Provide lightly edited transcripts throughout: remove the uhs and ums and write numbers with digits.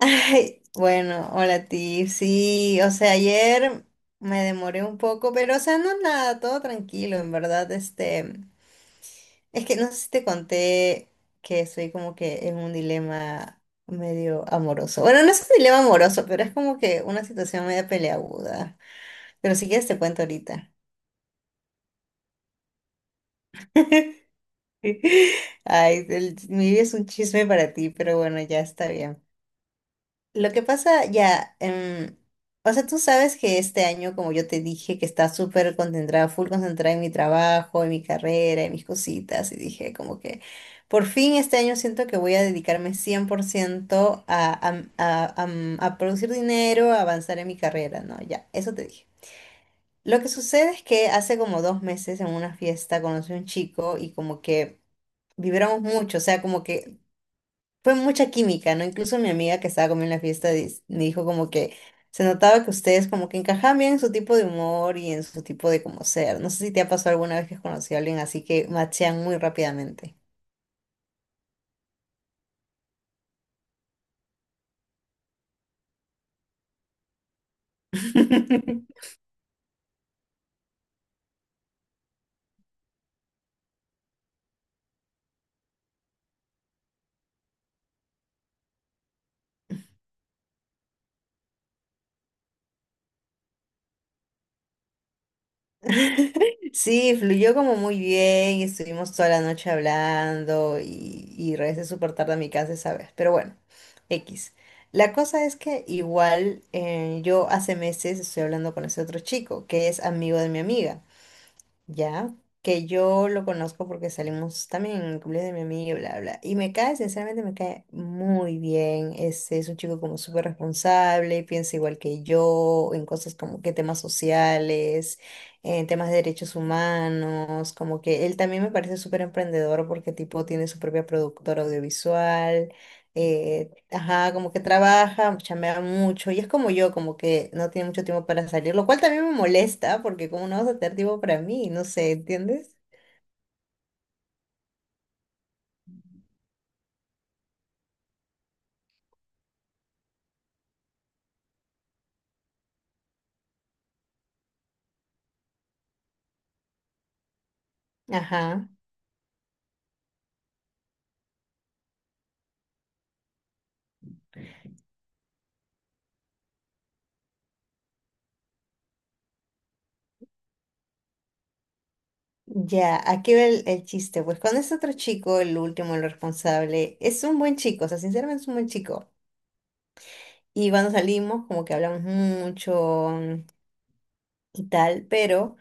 Ay, bueno, hola a ti. Sí, o sea, ayer me demoré un poco, pero o sea, no es nada, todo tranquilo, en verdad. Es que no sé si te conté que estoy como que en un dilema medio amoroso. Bueno, no es un dilema amoroso, pero es como que una situación media peleaguda. Pero si quieres te cuento ahorita. Ay, el- mi vida es un chisme para ti, pero bueno, ya está bien. Lo que pasa ya, o sea, tú sabes que este año, como yo te dije, que está súper concentrada, full concentrada en mi trabajo, en mi carrera, en mis cositas, y dije como que por fin este año siento que voy a dedicarme 100% a producir dinero, a avanzar en mi carrera, ¿no? Ya, eso te dije. Lo que sucede es que hace como 2 meses en una fiesta conocí a un chico y como que vibramos mucho, o sea, como que fue mucha química, ¿no? Incluso mi amiga que estaba conmigo en la fiesta me dijo como que se notaba que ustedes como que encajaban bien en su tipo de humor y en su tipo de como ser. No sé si te ha pasado alguna vez que has conocido a alguien así que machean muy rápidamente. Sí, fluyó como muy bien y estuvimos toda la noche hablando y regresé súper tarde a mi casa esa vez. Pero bueno, X. La cosa es que igual yo hace meses estoy hablando con ese otro chico que es amigo de mi amiga. Ya, que yo lo conozco porque salimos también en el cumpleaños de mi amiga y bla, bla. Y me cae, sinceramente, me cae muy bien. Es un chico como súper responsable, piensa igual que yo, en cosas como que temas sociales, en temas de derechos humanos, como que él también me parece súper emprendedor porque tipo tiene su propia productora audiovisual. eh, Ajá, como que trabaja, chamea mucho y es como yo, como que no tiene mucho tiempo para salir, lo cual también me molesta porque como no vas a tener tiempo para mí, no sé, ¿entiendes? Ajá. Ya, aquí va el chiste. Pues con este otro chico, el último, el responsable, es un buen chico, o sea, sinceramente es un buen chico. Y cuando salimos, como que hablamos mucho, y tal, pero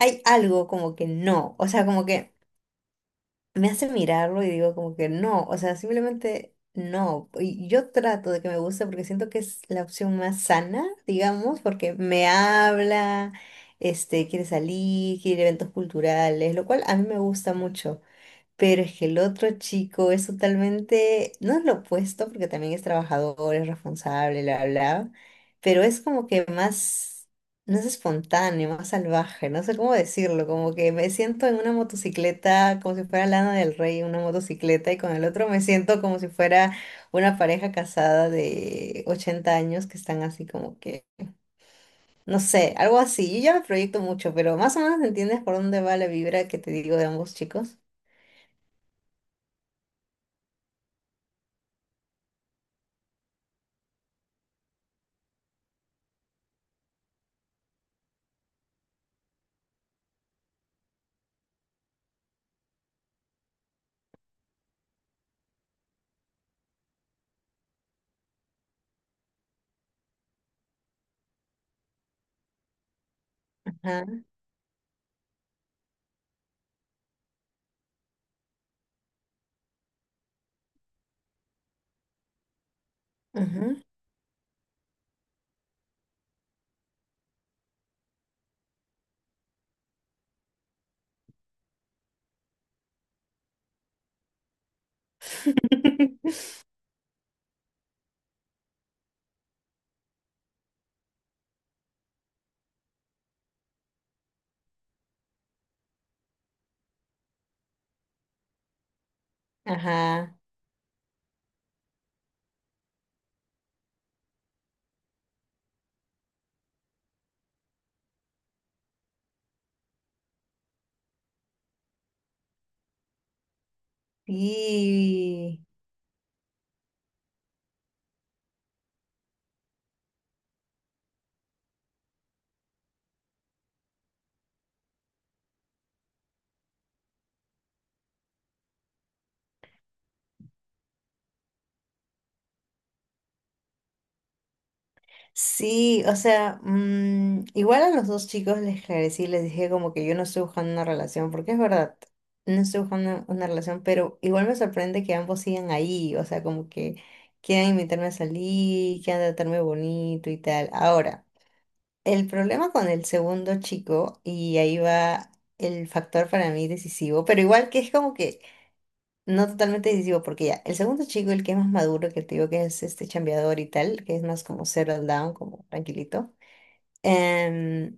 hay algo como que no, o sea, como que me hace mirarlo y digo como que no, o sea, simplemente no. Y yo trato de que me guste porque siento que es la opción más sana, digamos, porque me habla, quiere salir, quiere ir a eventos culturales, lo cual a mí me gusta mucho. Pero es que el otro chico es totalmente, no es lo opuesto, porque también es trabajador, es responsable, bla, bla, pero es como que más, no es espontáneo, más salvaje, no sé cómo decirlo, como que me siento en una motocicleta como si fuera Lana del Rey, en una motocicleta, y con el otro me siento como si fuera una pareja casada de 80 años que están así como que, no sé, algo así. Yo ya me proyecto mucho, pero más o menos entiendes por dónde va la vibra que te digo de ambos chicos. Ajá, ujú. Ajá. Sí. Sí, o sea, mm, igual a los dos chicos les esclarecí, les dije como que yo no estoy buscando una relación, porque es verdad, no estoy buscando una relación, pero igual me sorprende que ambos sigan ahí, o sea, como que quieran invitarme a salir, quieran tratarme bonito y tal. Ahora, el problema con el segundo chico, y ahí va el factor para mí decisivo, pero igual que es como que no totalmente decisivo, porque ya, el segundo chico, el que es más maduro, que te digo que es este chambeador y tal, que es más como settle down, como tranquilito, em,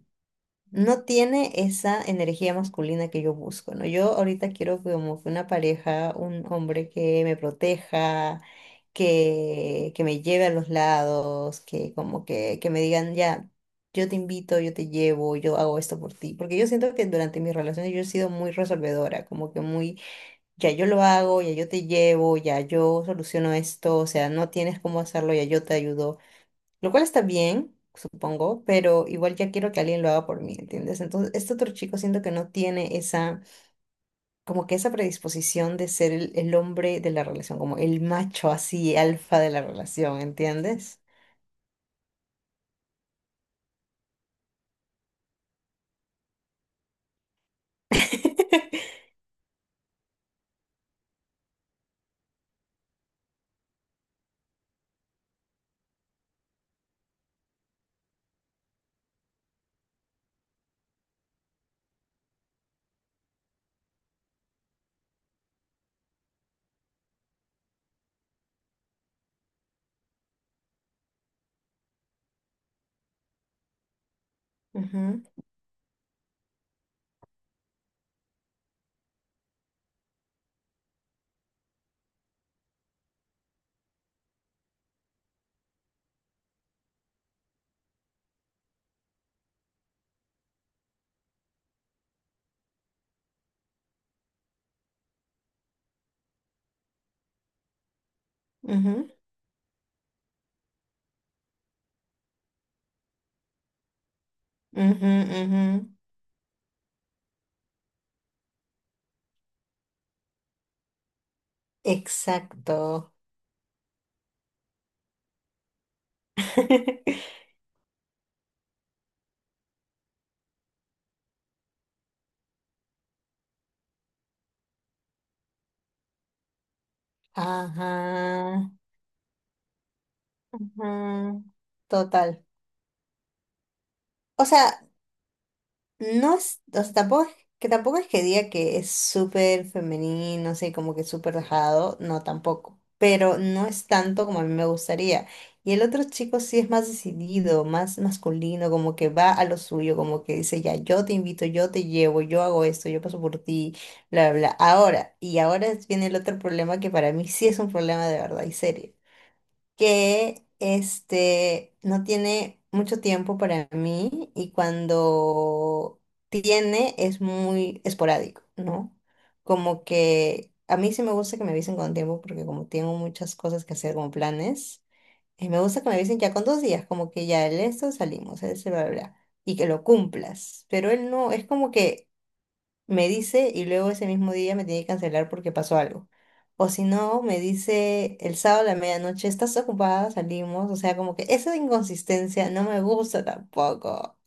no tiene esa energía masculina que yo busco, ¿no? Yo ahorita quiero como que una pareja, un hombre que me proteja, que me lleve a los lados, que como que me digan, ya, yo te invito, yo te llevo, yo hago esto por ti, porque yo siento que durante mis relaciones yo he sido muy resolvedora, como que muy ya yo lo hago, ya yo te llevo, ya yo soluciono esto, o sea, no tienes cómo hacerlo, ya yo te ayudo, lo cual está bien, supongo, pero igual ya quiero que alguien lo haga por mí, ¿entiendes? Entonces, este otro chico siento que no tiene esa, como que esa predisposición de ser el hombre de la relación, como el macho así, alfa de la relación, ¿entiendes? Ujú, ujú, ujú, ujú. Exacto. Ajá, ajá. Total. O sea, no es, o sea, tampoco es, que tampoco es que diga que es súper femenino, así como que súper dejado, no tampoco, pero no es tanto como a mí me gustaría. Y el otro chico sí es más decidido, más masculino, como que va a lo suyo, como que dice, ya, yo te invito, yo te llevo, yo hago esto, yo paso por ti, bla, bla, bla. Ahora, y ahora es- viene el otro problema que para mí sí es un problema de verdad y serio que este no tiene mucho tiempo para mí y cuando tiene es muy esporádico, ¿no? Como que a mí sí me gusta que me avisen con tiempo porque como tengo muchas cosas que hacer como planes, me gusta que me avisen ya con 2 días, como que ya el esto salimos, ese bla bla bla, y que lo cumplas. Pero él no, es como que me dice y luego ese mismo día me tiene que cancelar porque pasó algo. O si no, me dice el sábado a la medianoche, ¿estás ocupada? Salimos. O sea, como que esa inconsistencia no me gusta tampoco.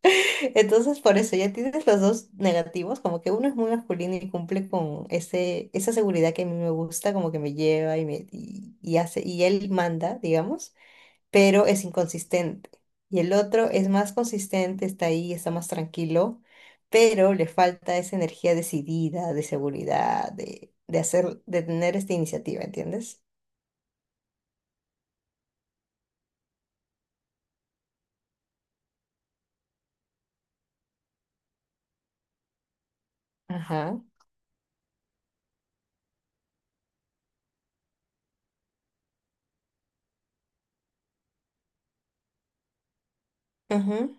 Entonces, por eso ya tienes los dos negativos, como que uno es muy masculino y cumple con ese, esa seguridad que a mí me gusta, como que me lleva y hace, y él manda, digamos, pero es inconsistente. Y el otro es más consistente, está ahí, está más tranquilo, pero le falta esa energía decidida, de seguridad, de hacer, de tener esta iniciativa, ¿entiendes? Ajá, ajá,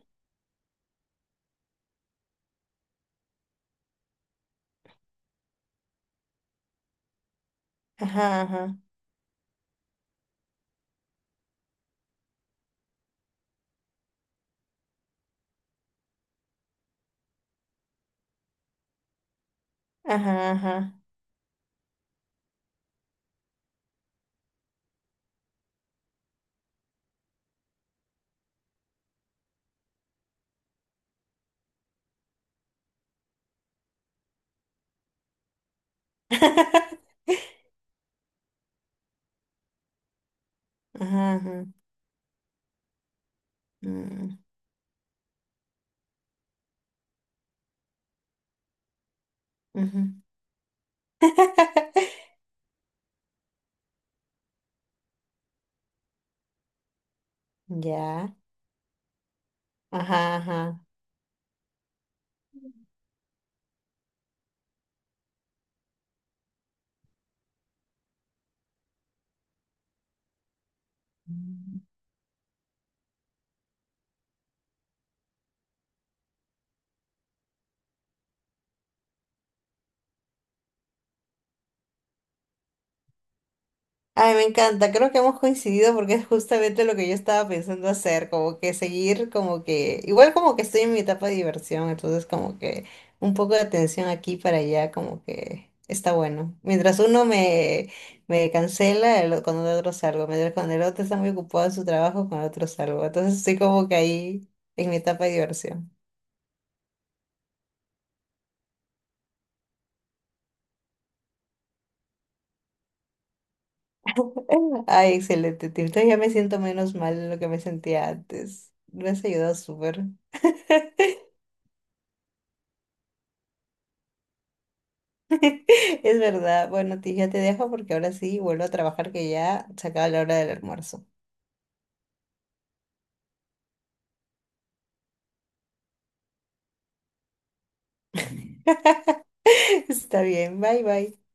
ajá, ajá, ajá, ajá. Ajá, ajá, mm, ujú. Ya, ajá, ajá. Ay, me encanta, creo que hemos coincidido porque es justamente lo que yo estaba pensando hacer, como que seguir, como que, igual como que estoy en mi etapa de diversión, entonces como que un poco de atención aquí para allá, como que está bueno. Mientras uno me, me cancela, el, o- con el otro salgo, mientras con el otro está muy ocupado en su trabajo, con el otro salgo, entonces estoy como que ahí en mi etapa de diversión. Ay, excelente, Tito, ya me siento menos mal de lo que me sentía antes, me has ayudado súper. Es verdad. Bueno, ti ya te dejo porque ahora sí vuelvo a trabajar que ya se acaba la hora del almuerzo. Está bien. Bye, bye.